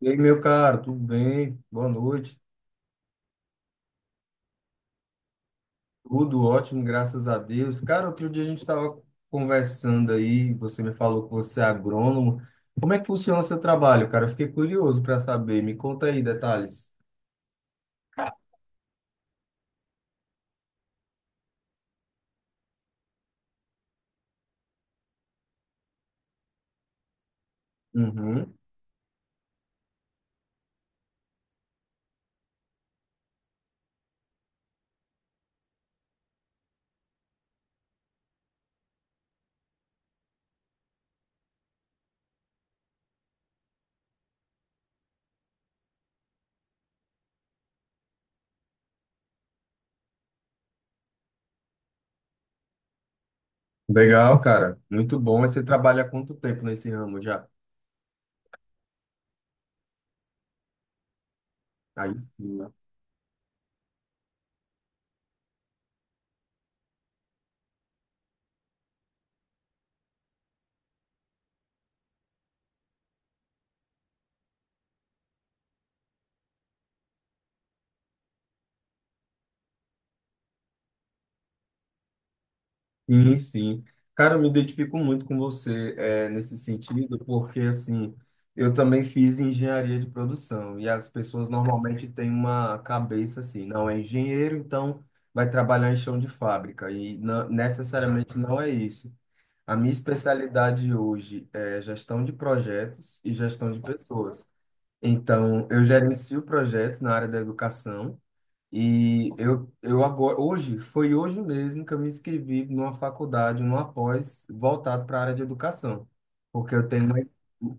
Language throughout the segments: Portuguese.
E aí, meu caro, tudo bem? Boa noite. Tudo ótimo, graças a Deus. Cara, outro dia a gente estava conversando aí, você me falou que você é agrônomo. Como é que funciona o seu trabalho, cara? Eu fiquei curioso para saber. Me conta aí detalhes. Uhum. Legal, cara. Muito bom. Mas você trabalha há quanto tempo nesse ramo já? Aí sim. Sim, sim. Cara, eu me identifico muito com você nesse sentido, porque assim, eu também fiz engenharia de produção e as pessoas normalmente têm uma cabeça assim, não é engenheiro, então vai trabalhar em chão de fábrica e não, necessariamente não é isso. A minha especialidade hoje é gestão de projetos e gestão de pessoas. Então, eu gerencio projetos na área da educação. E eu agora, hoje, foi hoje mesmo que eu me inscrevi numa faculdade, numa pós, voltado para a área de educação, porque eu tenho uma,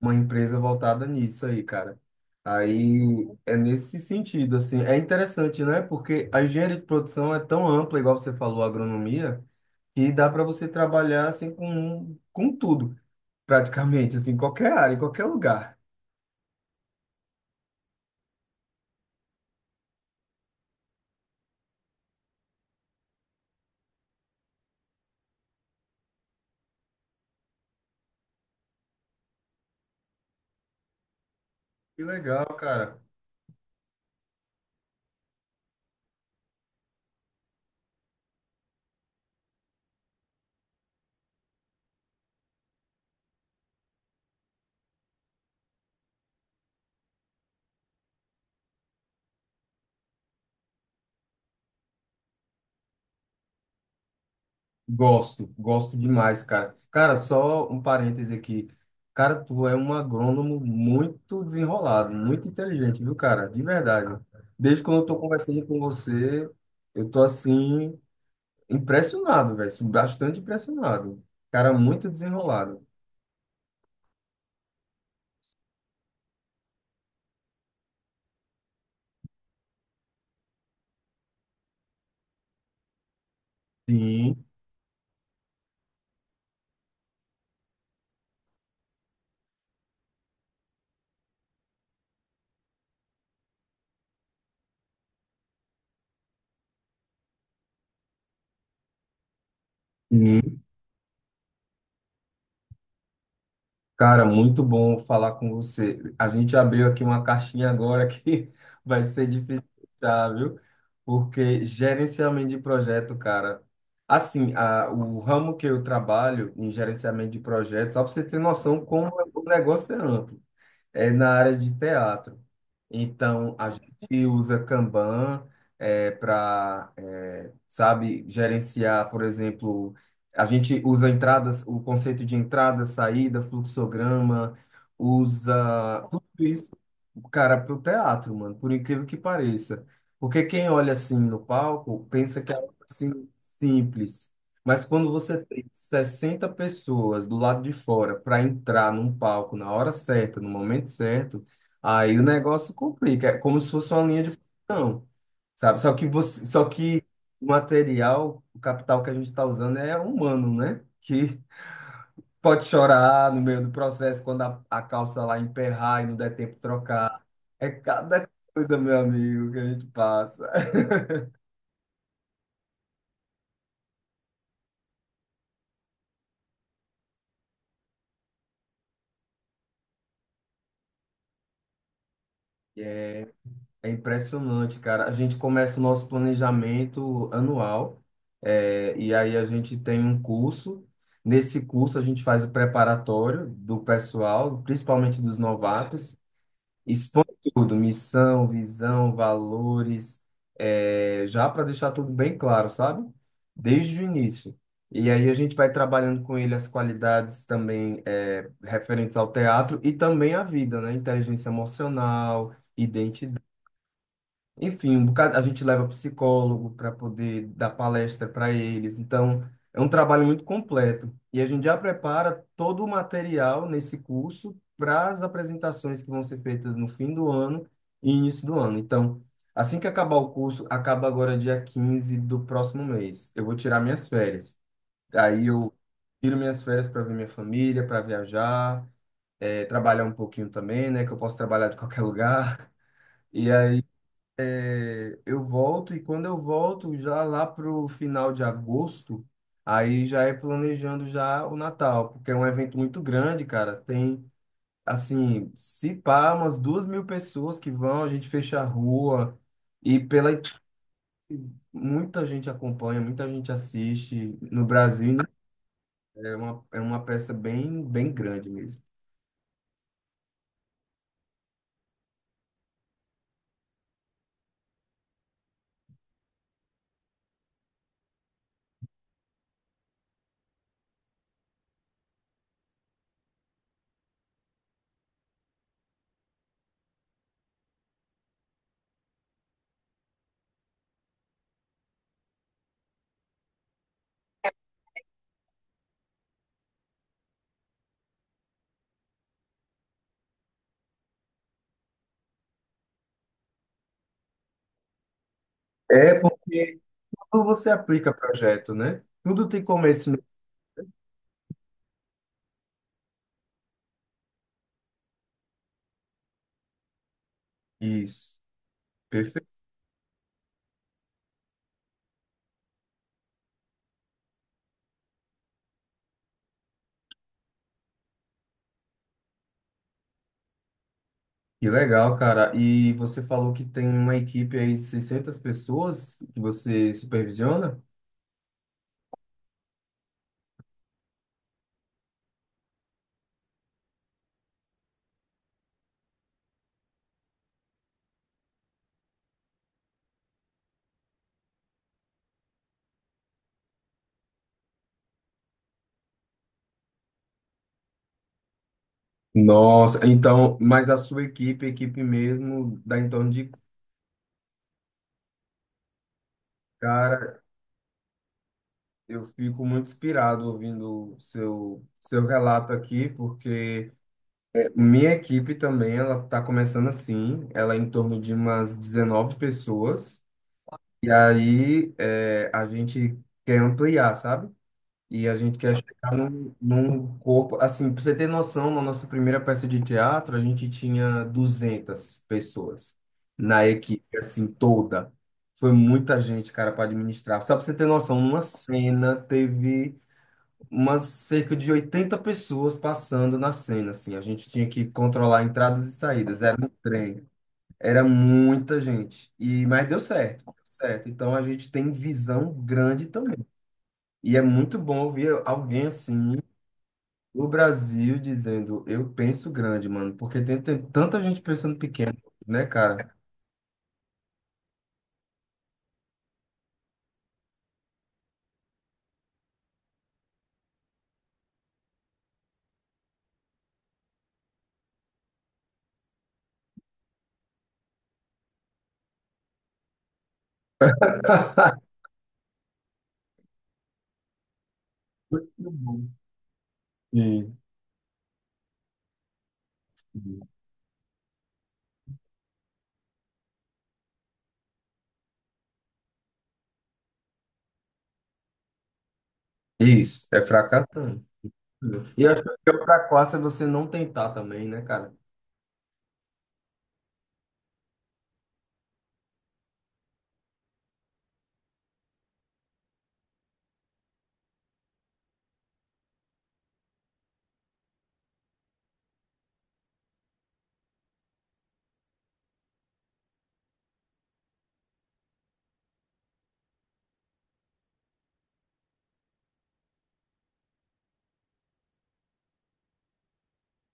uma empresa voltada nisso aí, cara. Aí é nesse sentido, assim, é interessante, né? Porque a engenharia de produção é tão ampla, igual você falou, a agronomia, que dá para você trabalhar assim com tudo, praticamente, assim, em qualquer área, em qualquer lugar. Que legal, cara. Gosto, gosto demais, cara. Cara, só um parêntese aqui. Cara, tu é um agrônomo muito desenrolado, muito inteligente, viu, cara? De verdade. Desde quando eu tô conversando com você, eu tô assim, impressionado, velho. Bastante impressionado. Cara, muito desenrolado. Sim, sim. Cara, muito bom falar com você. A gente abriu aqui uma caixinha agora que vai ser difícil fechar, viu? Porque gerenciamento de projeto, cara. Assim, a, o ramo que eu trabalho em gerenciamento de projetos, só para você ter noção como é, o negócio é amplo é na área de teatro. Então, a gente usa Kanban para, sabe, gerenciar, por exemplo, a gente usa entradas, o conceito de entrada, saída, fluxograma, usa tudo isso, cara, para o teatro, mano, por incrível que pareça. Porque quem olha assim no palco pensa que é algo assim simples. Mas quando você 60 pessoas do lado de fora para entrar num palco na hora certa, no momento certo, aí o negócio complica. É como se fosse uma linha de produção, sabe? Só que você, só que o material, o capital que a gente está usando é humano, né? Que pode chorar no meio do processo quando a calça lá emperrar e não der tempo de trocar. É cada coisa, meu amigo, que a gente passa. É impressionante, cara. A gente começa o nosso planejamento anual, e aí a gente tem um curso. Nesse curso, a gente faz o preparatório do pessoal, principalmente dos novatos, expõe tudo: missão, visão, valores, é, já para deixar tudo bem claro, sabe? Desde o início. E aí a gente vai trabalhando com ele as qualidades também é, referentes ao teatro e também à vida, né? Inteligência emocional enfim, um bocado, a gente leva psicólogo para poder dar palestra para eles. Então, é um trabalho muito completo. E a gente já prepara todo o material nesse curso para as apresentações que vão ser feitas no fim do ano e início do ano. Então, assim que acabar o curso, acaba agora dia 15 do próximo mês. Eu vou tirar minhas férias. Aí eu tiro minhas férias para ver minha família, para viajar, trabalhar um pouquinho também, né? Que eu posso trabalhar de qualquer lugar. E aí é, eu volto e quando eu volto já lá pro final de agosto, aí já é planejando já o Natal, porque é um evento muito grande, cara. Tem assim, se pá, umas 2.000 pessoas que vão, a gente fecha a rua e pela muita gente acompanha, muita gente assiste no Brasil. Né? É uma peça bem, bem grande mesmo. É porque quando você aplica projeto, né? Tudo tem começo. E meio. Isso. Perfeito. Que legal, cara. E você falou que tem uma equipe aí de 600 pessoas que você supervisiona? Nossa, então, mas a sua equipe, a equipe mesmo, dá em torno de. Cara, eu fico muito inspirado ouvindo o seu, seu relato aqui, porque minha equipe também, ela tá começando assim, ela é em torno de umas 19 pessoas, e aí é, a gente quer ampliar, sabe? E a gente quer chegar num, num corpo. Assim, para você ter noção, na nossa primeira peça de teatro, a gente tinha 200 pessoas na equipe, assim, toda. Foi muita gente, cara, para administrar. Só para você ter noção, numa cena teve umas cerca de 80 pessoas passando na cena, assim. A gente tinha que controlar entradas e saídas. Era um trem. Era muita gente. E, mas deu certo, deu certo. Então a gente tem visão grande também. E é muito bom ouvir alguém assim o Brasil dizendo, eu penso grande, mano, porque tem, tem tanta gente pensando pequeno, né, cara? Muito bom. Sim, sim. Isso, é fracassando. E eu acho que o pior fracasso é você não tentar também, né, cara?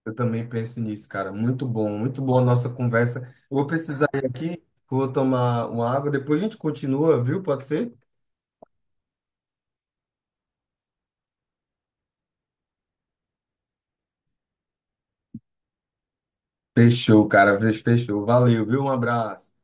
Eu também penso nisso, cara. Muito bom, muito boa a nossa conversa. Eu vou precisar ir aqui, vou tomar uma água, depois a gente continua, viu? Pode ser? Fechou, cara, fechou. Valeu, viu? Um abraço.